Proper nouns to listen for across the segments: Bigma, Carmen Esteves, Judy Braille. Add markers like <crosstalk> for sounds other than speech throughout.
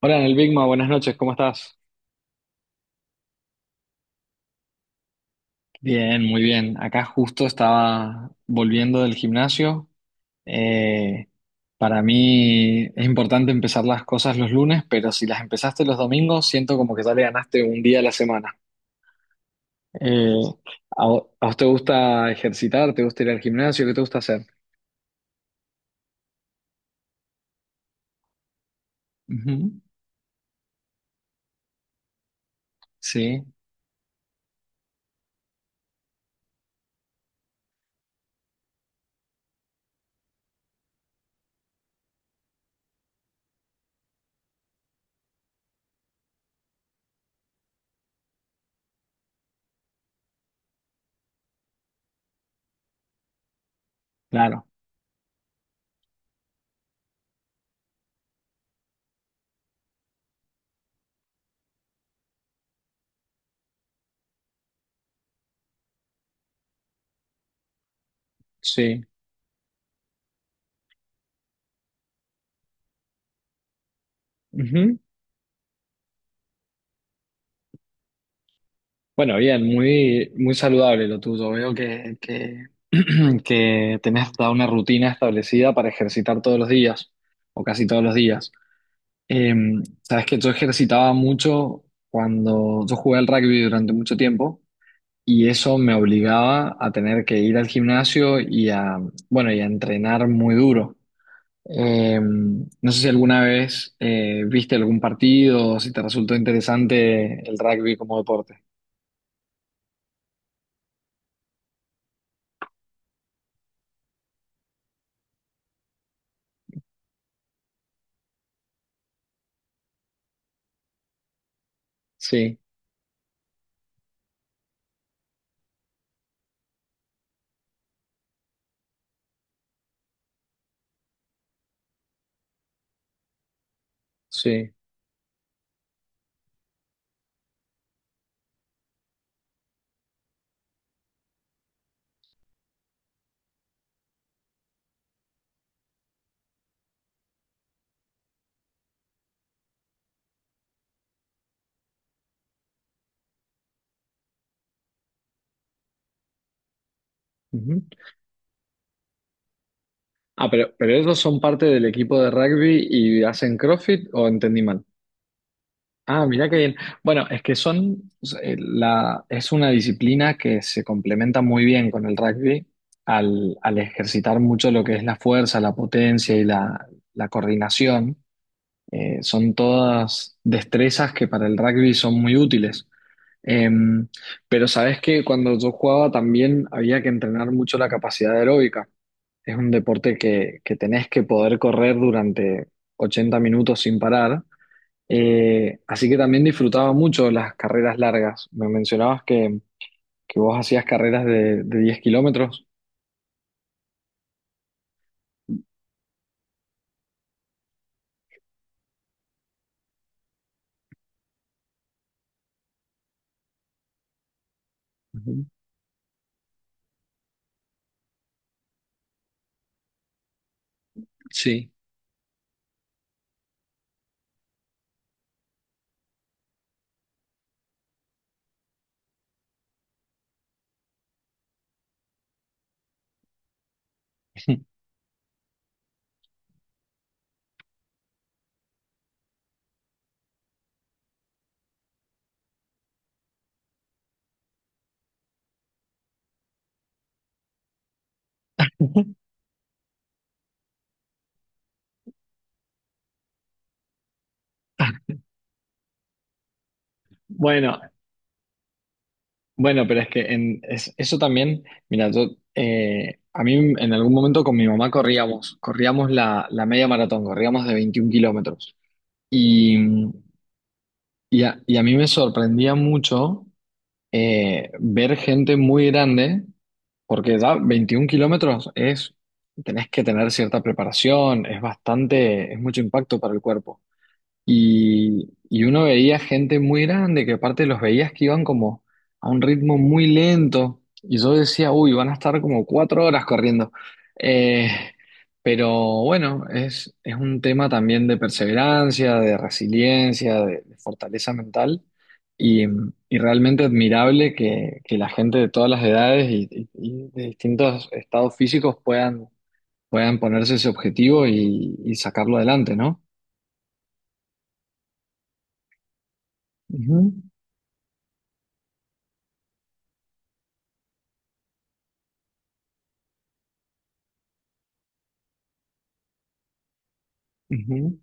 Hola, en el Bigma, buenas noches, ¿cómo estás? Bien, muy bien. Acá justo estaba volviendo del gimnasio. Eh, para mí es importante empezar las cosas los lunes, pero si las empezaste los domingos, siento como que ya le ganaste un día a la semana. Eh, ¿a vos te gusta ejercitar? ¿Te gusta ir al gimnasio? ¿Qué te gusta hacer? Ujú. Sí, claro, sí. Ujú. Bueno, bien, muy saludable lo tuyo. Veo <clears throat> que tenés toda una rutina establecida para ejercitar todos los días, o casi todos los días. Eh, sabes que yo ejercitaba mucho cuando yo jugué al rugby durante mucho tiempo y eso me obligaba a tener que ir al gimnasio y a, bueno, y a entrenar muy duro. No sé si alguna vez viste algún partido o si te resultó interesante el rugby como deporte. Sí, sí. Ujú. Ah, pero ellos son parte del equipo de rugby y hacen CrossFit o entendí mal. Ah, mirá qué bien. Bueno, es que son, es una disciplina que se complementa muy bien con el rugby al, al ejercitar mucho lo que es la fuerza, la potencia y la coordinación. Son todas destrezas que para el rugby son muy útiles. Em, pero sabes que cuando yo jugaba también había que entrenar mucho la capacidad aeróbica. Es un deporte que tenés que poder correr durante 80 minutos sin parar. Así que también disfrutaba mucho las carreras largas. Me mencionabas que vos hacías carreras de 10 kilómetros. Ujú. Sí. <laughs> Bueno, bueno, pero es que en, es- eso también, mira, yo, a mí en algún momento con mi mamá corríamos, corríamos la, la media maratón, corríamos de 21 kilómetros. Y, y a mí me sorprendía mucho ver gente muy grande, porque ya 21 kilómetros es, tenés que tener cierta preparación, es bastante, es mucho impacto para el cuerpo. Y uno veía gente muy grande que aparte los veías que iban como a un ritmo muy lento. Y yo decía, uy, van a estar como 4 horas corriendo. Eh, pero bueno, es un tema también de perseverancia, de resiliencia, de fortaleza mental. Y, y realmente admirable que la gente de todas las edades y de distintos estados físicos puedan, puedan ponerse ese objetivo y sacarlo adelante, ¿no? Ujú, ujú.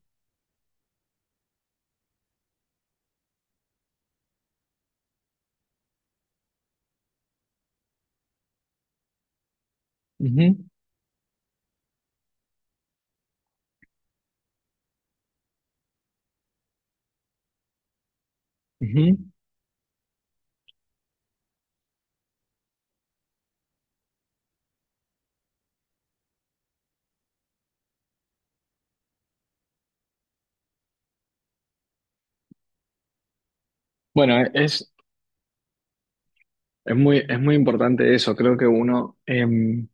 Ujú, ujú. Bueno, es muy importante eso. Creo que uno,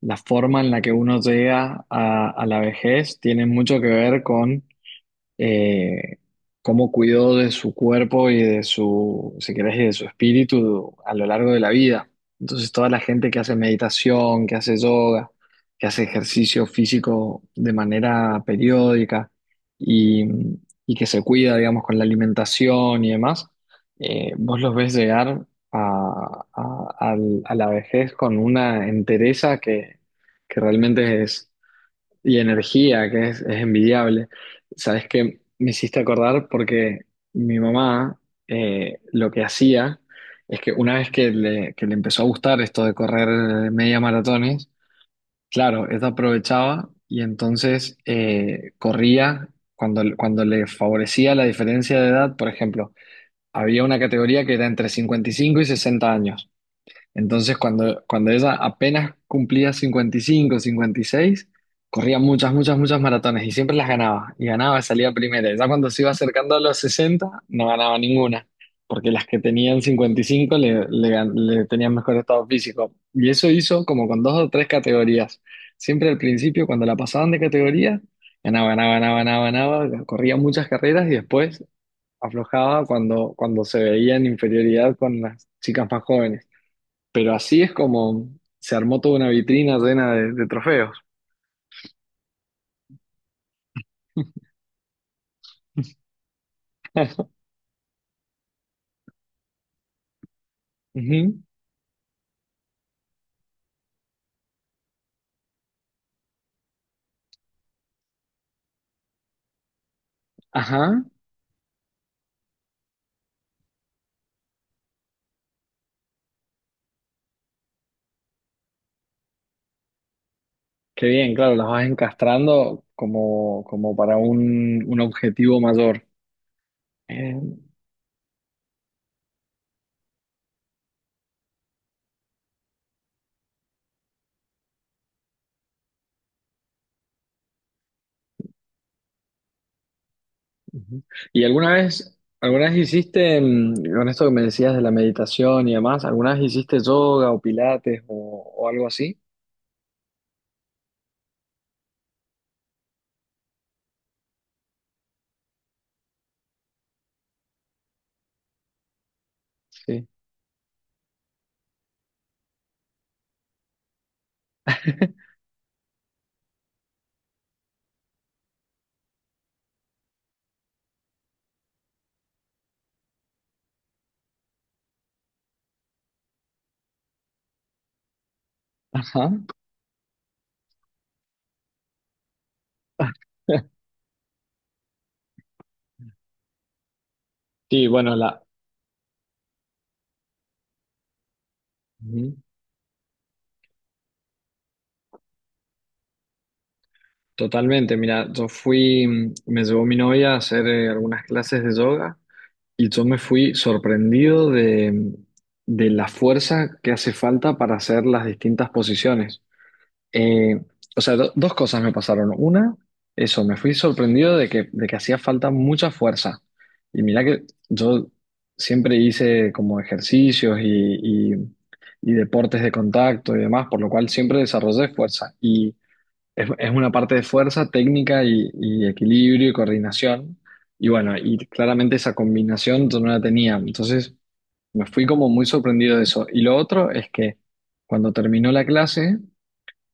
la forma en la que uno llega a la vejez tiene mucho que ver con eh, cómo cuidó de su cuerpo y de su, si querés, y de su espíritu a lo largo de la vida. Entonces, toda la gente que hace meditación, que hace yoga, que hace ejercicio físico de manera periódica y, y que se cuida, digamos, con la alimentación y demás, vos los ves llegar a la vejez con una entereza que realmente es y energía, que es envidiable. Sabes que me hiciste acordar porque mi mamá lo que hacía es que una vez que le empezó a gustar esto de correr media maratones, claro, ella aprovechaba y entonces corría cuando, cuando le favorecía la diferencia de edad. Por ejemplo, había una categoría que era entre 55 y 60 años. Entonces, cuando, cuando ella apenas cumplía 55, 56, corría muchas, muchas, muchas maratones y siempre las ganaba. Y ganaba, y salía primera. Ya cuando se iba acercando a los 60, no ganaba ninguna, porque las que tenían 55 le, le, gan- le tenían mejor estado físico. Y eso hizo como con dos o tres categorías. Siempre al principio, cuando la pasaban de categoría, ganaba, ganaba, ganaba, ganaba, ganaba, corría muchas carreras y después aflojaba cuando, cuando se veía en inferioridad con las chicas más jóvenes. Pero así es como se armó toda una vitrina llena de trofeos. Ujú. Ajá. Qué bien, claro, las vas encastrando como, como para un objetivo mayor. Eh, ujú. ¿Y alguna vez hiciste, mm, con esto que me decías de la meditación y demás, alguna vez hiciste yoga o pilates o algo así? Sí. <laughs> Ajá. <laughs> Sí, bueno, la... ujú. Totalmente, mira, yo fui, mm, me llevó mi novia a hacer algunas clases de yoga y yo me fui sorprendido de la fuerza que hace falta para hacer las distintas posiciones. Eh, o sea, dos cosas me pasaron. Una, eso, me fui sorprendido de que hacía falta mucha fuerza. Y mira que yo siempre hice como ejercicios y deportes de contacto y demás, por lo cual siempre desarrollé fuerza. Y es una parte de fuerza, técnica y equilibrio y coordinación. Y bueno, y claramente esa combinación yo no la tenía. Entonces me fui como muy sorprendido de eso. Y lo otro es que cuando terminó la clase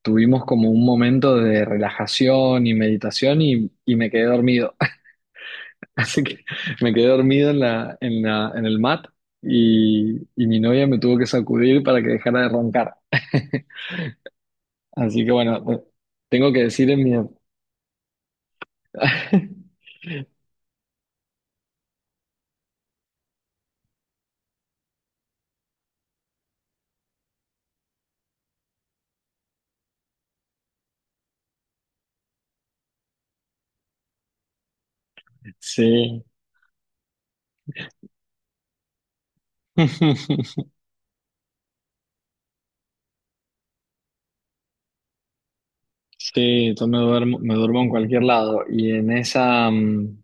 tuvimos como un momento de relajación y meditación y me quedé dormido. <laughs> Así que me quedé dormido en la, en la, en el mat y mi novia me tuvo que sacudir para que dejara de roncar. <laughs> Así que bueno, tengo que decir en mi... <laughs> Sí, <laughs> Sí, yo me duermo en cualquier lado y en esa mm,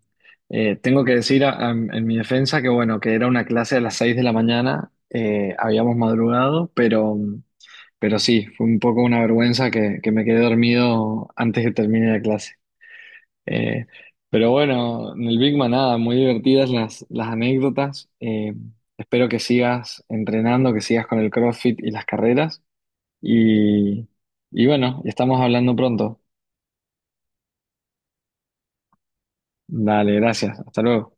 tengo que decir en mi defensa que bueno, que era una clase a las 6 de la mañana, habíamos madrugado, pero, mm, pero sí, fue un poco una vergüenza que me quedé dormido antes que termine la clase. Eh, pero bueno, en el Big Man nada, muy divertidas las anécdotas. Espero que sigas entrenando, que sigas con el CrossFit y las carreras y, y bueno, estamos hablando pronto. Dale, gracias. Hasta luego.